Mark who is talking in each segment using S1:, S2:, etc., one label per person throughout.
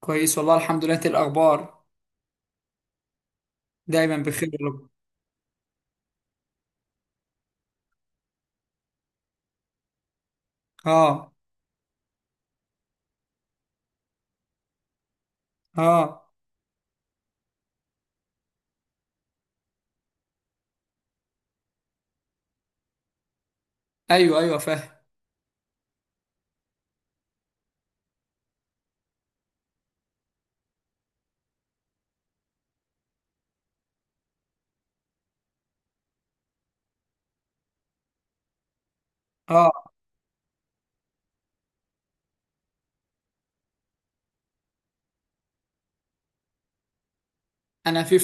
S1: كويس والله الحمد لله. إنت إيه الاخبار؟ دايما بخير يا رب. اه. اه. ايوه ايوه فاهم. اه. انا في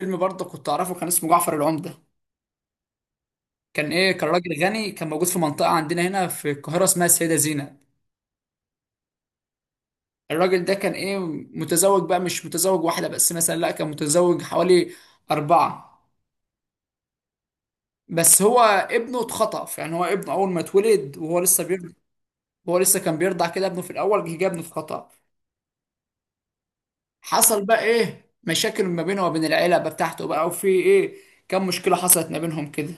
S1: فيلم برضه كنت اعرفه، كان اسمه جعفر العمدة. كان ايه، كان راجل غني، كان موجود في منطقة عندنا هنا في القاهرة اسمها السيدة زينب. الراجل ده كان ايه، متزوج بقى، مش متزوج واحدة بس مثلا، لا كان متزوج حوالي أربعة. بس هو ابنه اتخطف، يعني هو ابنه اول ما اتولد وهو لسه بيرضع. هو لسه كان بيرضع كده ابنه، في الاول جه ابنه اتخطف. حصل بقى ايه مشاكل ما بينه وبين العيله بقى بتاعته، بقى وفي ايه كم مشكله حصلت ما بينهم كده.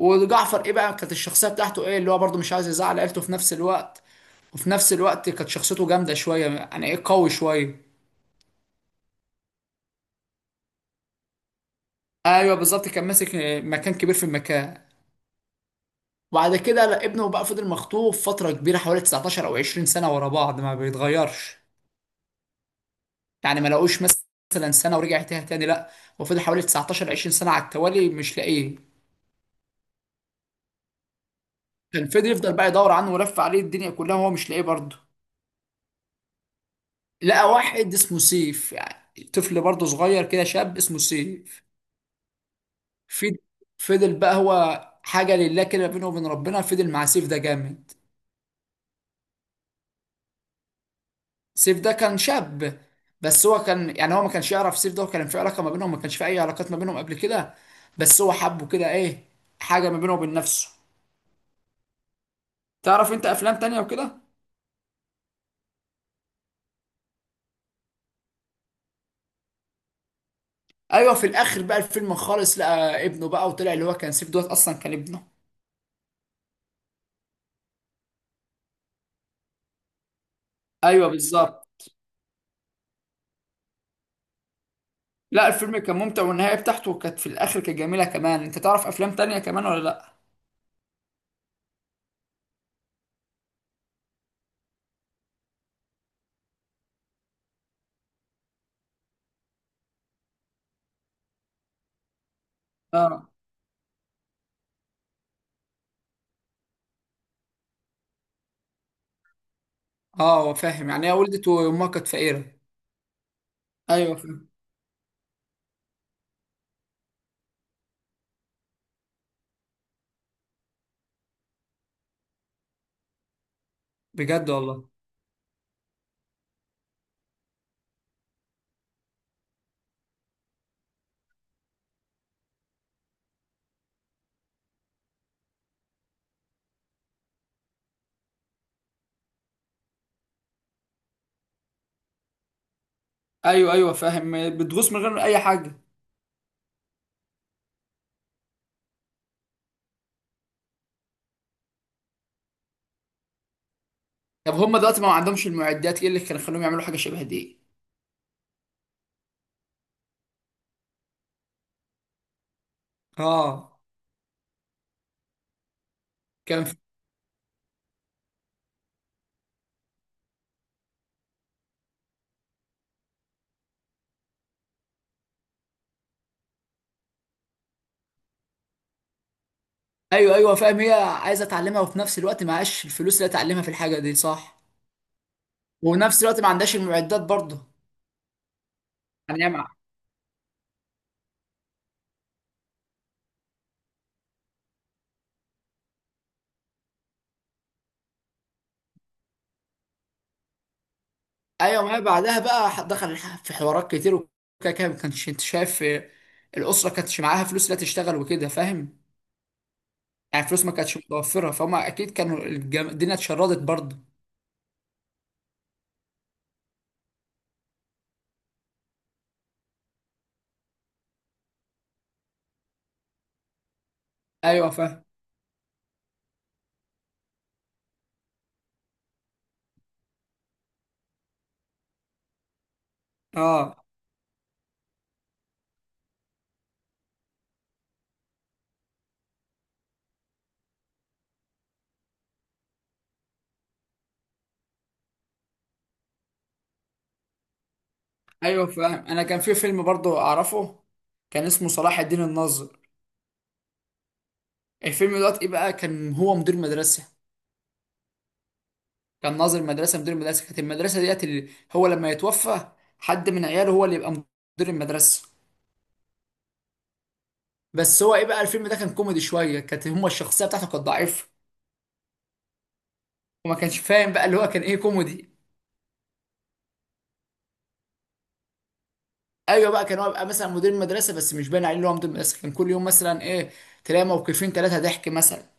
S1: وجعفر ايه بقى، كانت الشخصيه بتاعته ايه اللي هو برضه مش عايز يزعل عيلته في نفس الوقت، وفي نفس الوقت كانت شخصيته جامده شويه يعني ايه قوي شويه. ايوه بالظبط، كان ماسك مكان كبير في المكان. وبعد كده لا، ابنه بقى فضل مخطوف فتره كبيره حوالي 19 او 20 سنه ورا بعض ما بيتغيرش. يعني ما لقوش مثلا سنه ورجع تاني لا، وفضل حوالي 19 20 سنه على التوالي مش لاقيه. كان فضل يفضل بقى يدور عنه ولف عليه الدنيا كلها وهو مش لاقيه برضه. لقى واحد اسمه سيف، يعني طفل برضه صغير كده، شاب اسمه سيف. في- فضل بقى هو حاجة لله كده بينه وبين ربنا، فضل مع سيف ده جامد. سيف ده كان شاب، بس هو كان يعني هو ما كانش يعرف سيف ده، وكان في علاقة ما بينهم، ما كانش في أي علاقات ما بينهم قبل كده. بس هو حبه كده إيه، حاجة ما بينه وبين نفسه. تعرف أنت أفلام تانية وكده؟ أيوه، في الآخر بقى الفيلم خالص لقى ابنه بقى، وطلع اللي هو كان سيف دوت أصلا كان ابنه. أيوه بالظبط. لا الفيلم كان ممتع، والنهاية بتاعته كانت في الآخر كانت جميلة كمان. أنت تعرف أفلام تانية كمان ولا لأ؟ آه آه فاهم، يعني هي ولدت وأمها كانت فقيرة. أيوه فاهم. بجد والله. أيوه أيوه فاهم، بتغوص من غير أي حاجة. طب هم دلوقتي ما عندهمش المعدات، إيه اللي كان خلوهم يعملوا حاجة شبه دي؟ اه كان في... أيوه أيوه فاهم، هي عايزة تعلمها، وفي نفس الوقت معهاش الفلوس اللي تعلمها في الحاجة دي صح؟ وفي نفس الوقت ما عندهاش المعدات برضه. يعني هي ايوه معايا. بعدها بقى دخل في حوارات كتير وكده كده، ما كانش انت شايف آه، الاسره كانتش معاها فلوس لا تشتغل وكده فاهم. يعني فلوس ما كانتش متوفره، فهم اكيد كانوا الدنيا اتشردت برضه. ايوه فاهم. اه ايوه فاهم، انا كان في فيلم برضه اعرفه كان اسمه صلاح الدين الناظر. الفيلم دوت ايه بقى، كان هو مدير مدرسه. كان ناظر مدرسه مدير مدرسه، كانت المدرسه ديت اللي هو لما يتوفى حد من عياله هو اللي يبقى مدير المدرسه. بس هو ايه بقى، الفيلم ده كان كوميدي شويه، كانت هما الشخصيه بتاعته كانت ضعيفه، وما كانش فاهم بقى اللي هو كان ايه، كوميدي. ايوه بقى كان هو بقى مثلا مدير مدرسه بس مش باين عليه ان هو مدير مدرسه، كان كل يوم مثلا ايه، تلاقي موقفين ثلاثه ضحك مثلا.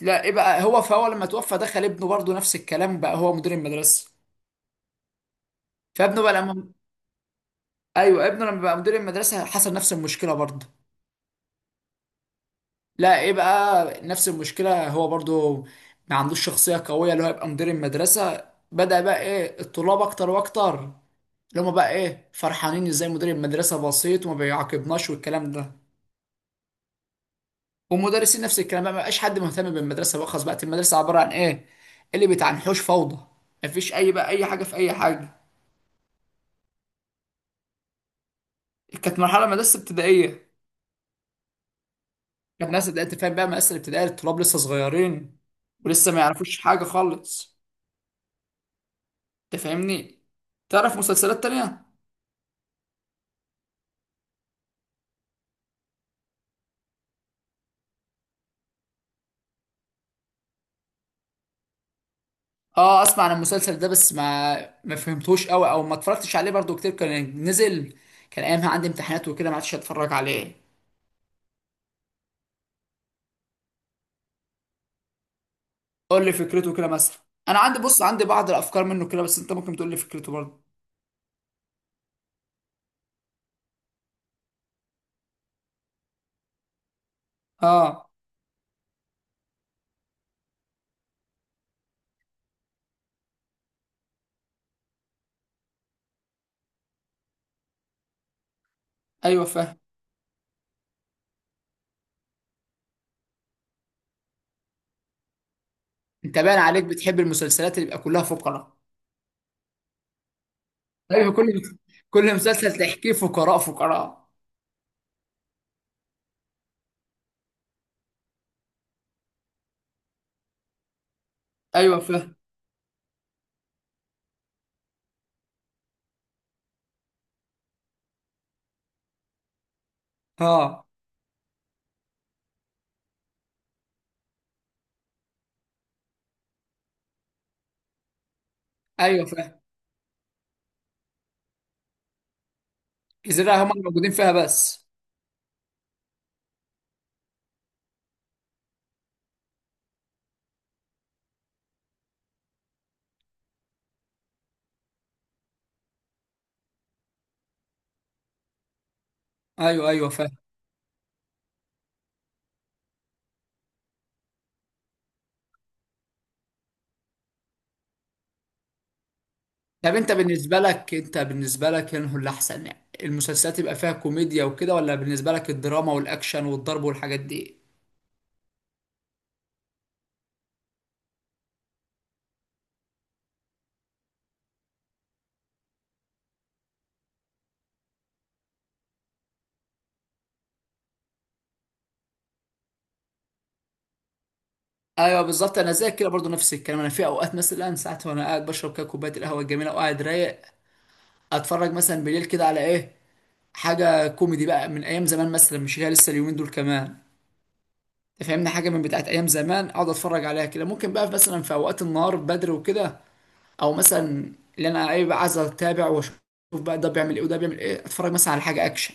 S1: لا ايه بقى، هو فهو لما توفى دخل ابنه برضه نفس الكلام بقى هو مدير المدرسه. فابنه بقى لما ايوه، ابنه لما بقى مدير المدرسه حصل نفس المشكله برضه. لا ايه بقى نفس المشكله، هو برضه ما عندوش شخصيه قويه اللي هو يبقى مدير المدرسه. بدأ بقى ايه الطلاب اكتر واكتر، اللي هما بقى ايه فرحانين ازاي مدير المدرسه بسيط وما بيعاقبناش والكلام ده. والمدرسين نفس الكلام، بقى ما بقاش حد مهتم بالمدرسه، بقى خلاص بقت المدرسه عباره عن ايه، اللي بيتعنحوش فوضى، مفيش اي بقى اي حاجه في اي حاجه. كانت مرحله مدرسه ابتدائيه. كانت ناس بدأت تفهم بقى مدرسه الابتدائيه الطلاب لسه صغيرين، ولسه ما يعرفوش حاجه خالص. انت فاهمني. تعرف مسلسلات تانية؟ اه اسمع عن المسلسل ده، بس ما فهمتوش قوي او ما اتفرجتش عليه برضو كتير، كان نزل كان ايامها عندي امتحانات وكده، ما عادش اتفرج عليه. قول لي فكرته كده مثلا. انا عندي بص عندي بعض الافكار منه كده، بس انت ممكن تقول لي فكرته برضه. اه ايوه فاهم. انت باين عليك بتحب المسلسلات اللي يبقى كلها فقراء. ايوه كل مسلسل تحكيه فقراء فقراء. ايوه فاهم. اه ايوه فاهم. الجزيره هم اللي موجودين فيها بس. ايوه ايوه فاهم. طب انت بالنسبه لك، انه اللي احسن يعني المسلسلات يبقى فيها كوميديا وكده، ولا بالنسبه لك الدراما والاكشن والضرب والحاجات دي؟ ايوه بالظبط، انا زي كده برضو نفس الكلام. انا في اوقات مثلا ساعات وانا قاعد بشرب كده كوبايه القهوه الجميله وقاعد رايق، اتفرج مثلا بالليل كده على ايه، حاجه كوميدي بقى من ايام زمان مثلا، مش هي لسه اليومين دول كمان. فاهمني، حاجه من بتاعت ايام زمان اقعد اتفرج عليها كده. ممكن بقى مثلا في اوقات النهار بدري وكده، او مثلا اللي انا ايه بقى عايز اتابع واشوف بقى ده بيعمل ايه وده بيعمل ايه، اتفرج مثلا على حاجه اكشن،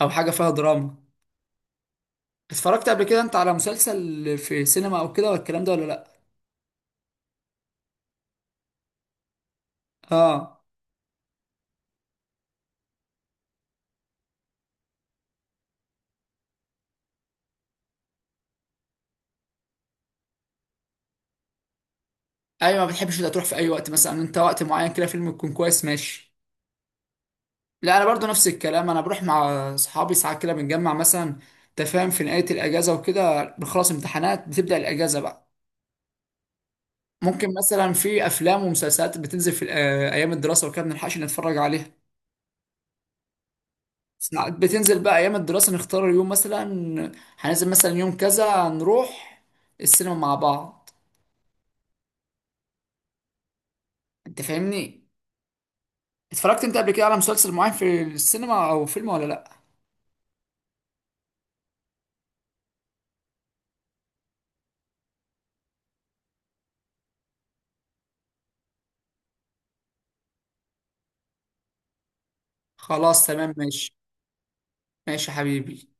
S1: او حاجه فيها دراما. اتفرجت قبل كده انت على مسلسل في سينما او كده والكلام ده ولا لا؟ اه ايوه، ما بتحبش ده تروح في اي وقت، مثلا انت وقت معين كده فيلم يكون كويس ماشي. لا انا برضو نفس الكلام، انا بروح مع اصحابي ساعات كده، بنجمع مثلا تفاهم في نهايه الاجازه وكده بنخلص امتحانات، بتبدا الاجازه بقى. ممكن مثلا في افلام ومسلسلات بتنزل في ايام الدراسه وكده ما بنلحقش نتفرج عليها. ساعات بتنزل بقى ايام الدراسه، نختار اليوم مثلا هننزل مثلا يوم كذا، نروح السينما مع بعض. انت فاهمني، اتفرجت انت قبل كده على مسلسل معين في السينما او فيلم ولا لا؟ خلاص تمام ماشي. ماشي يا حبيبي.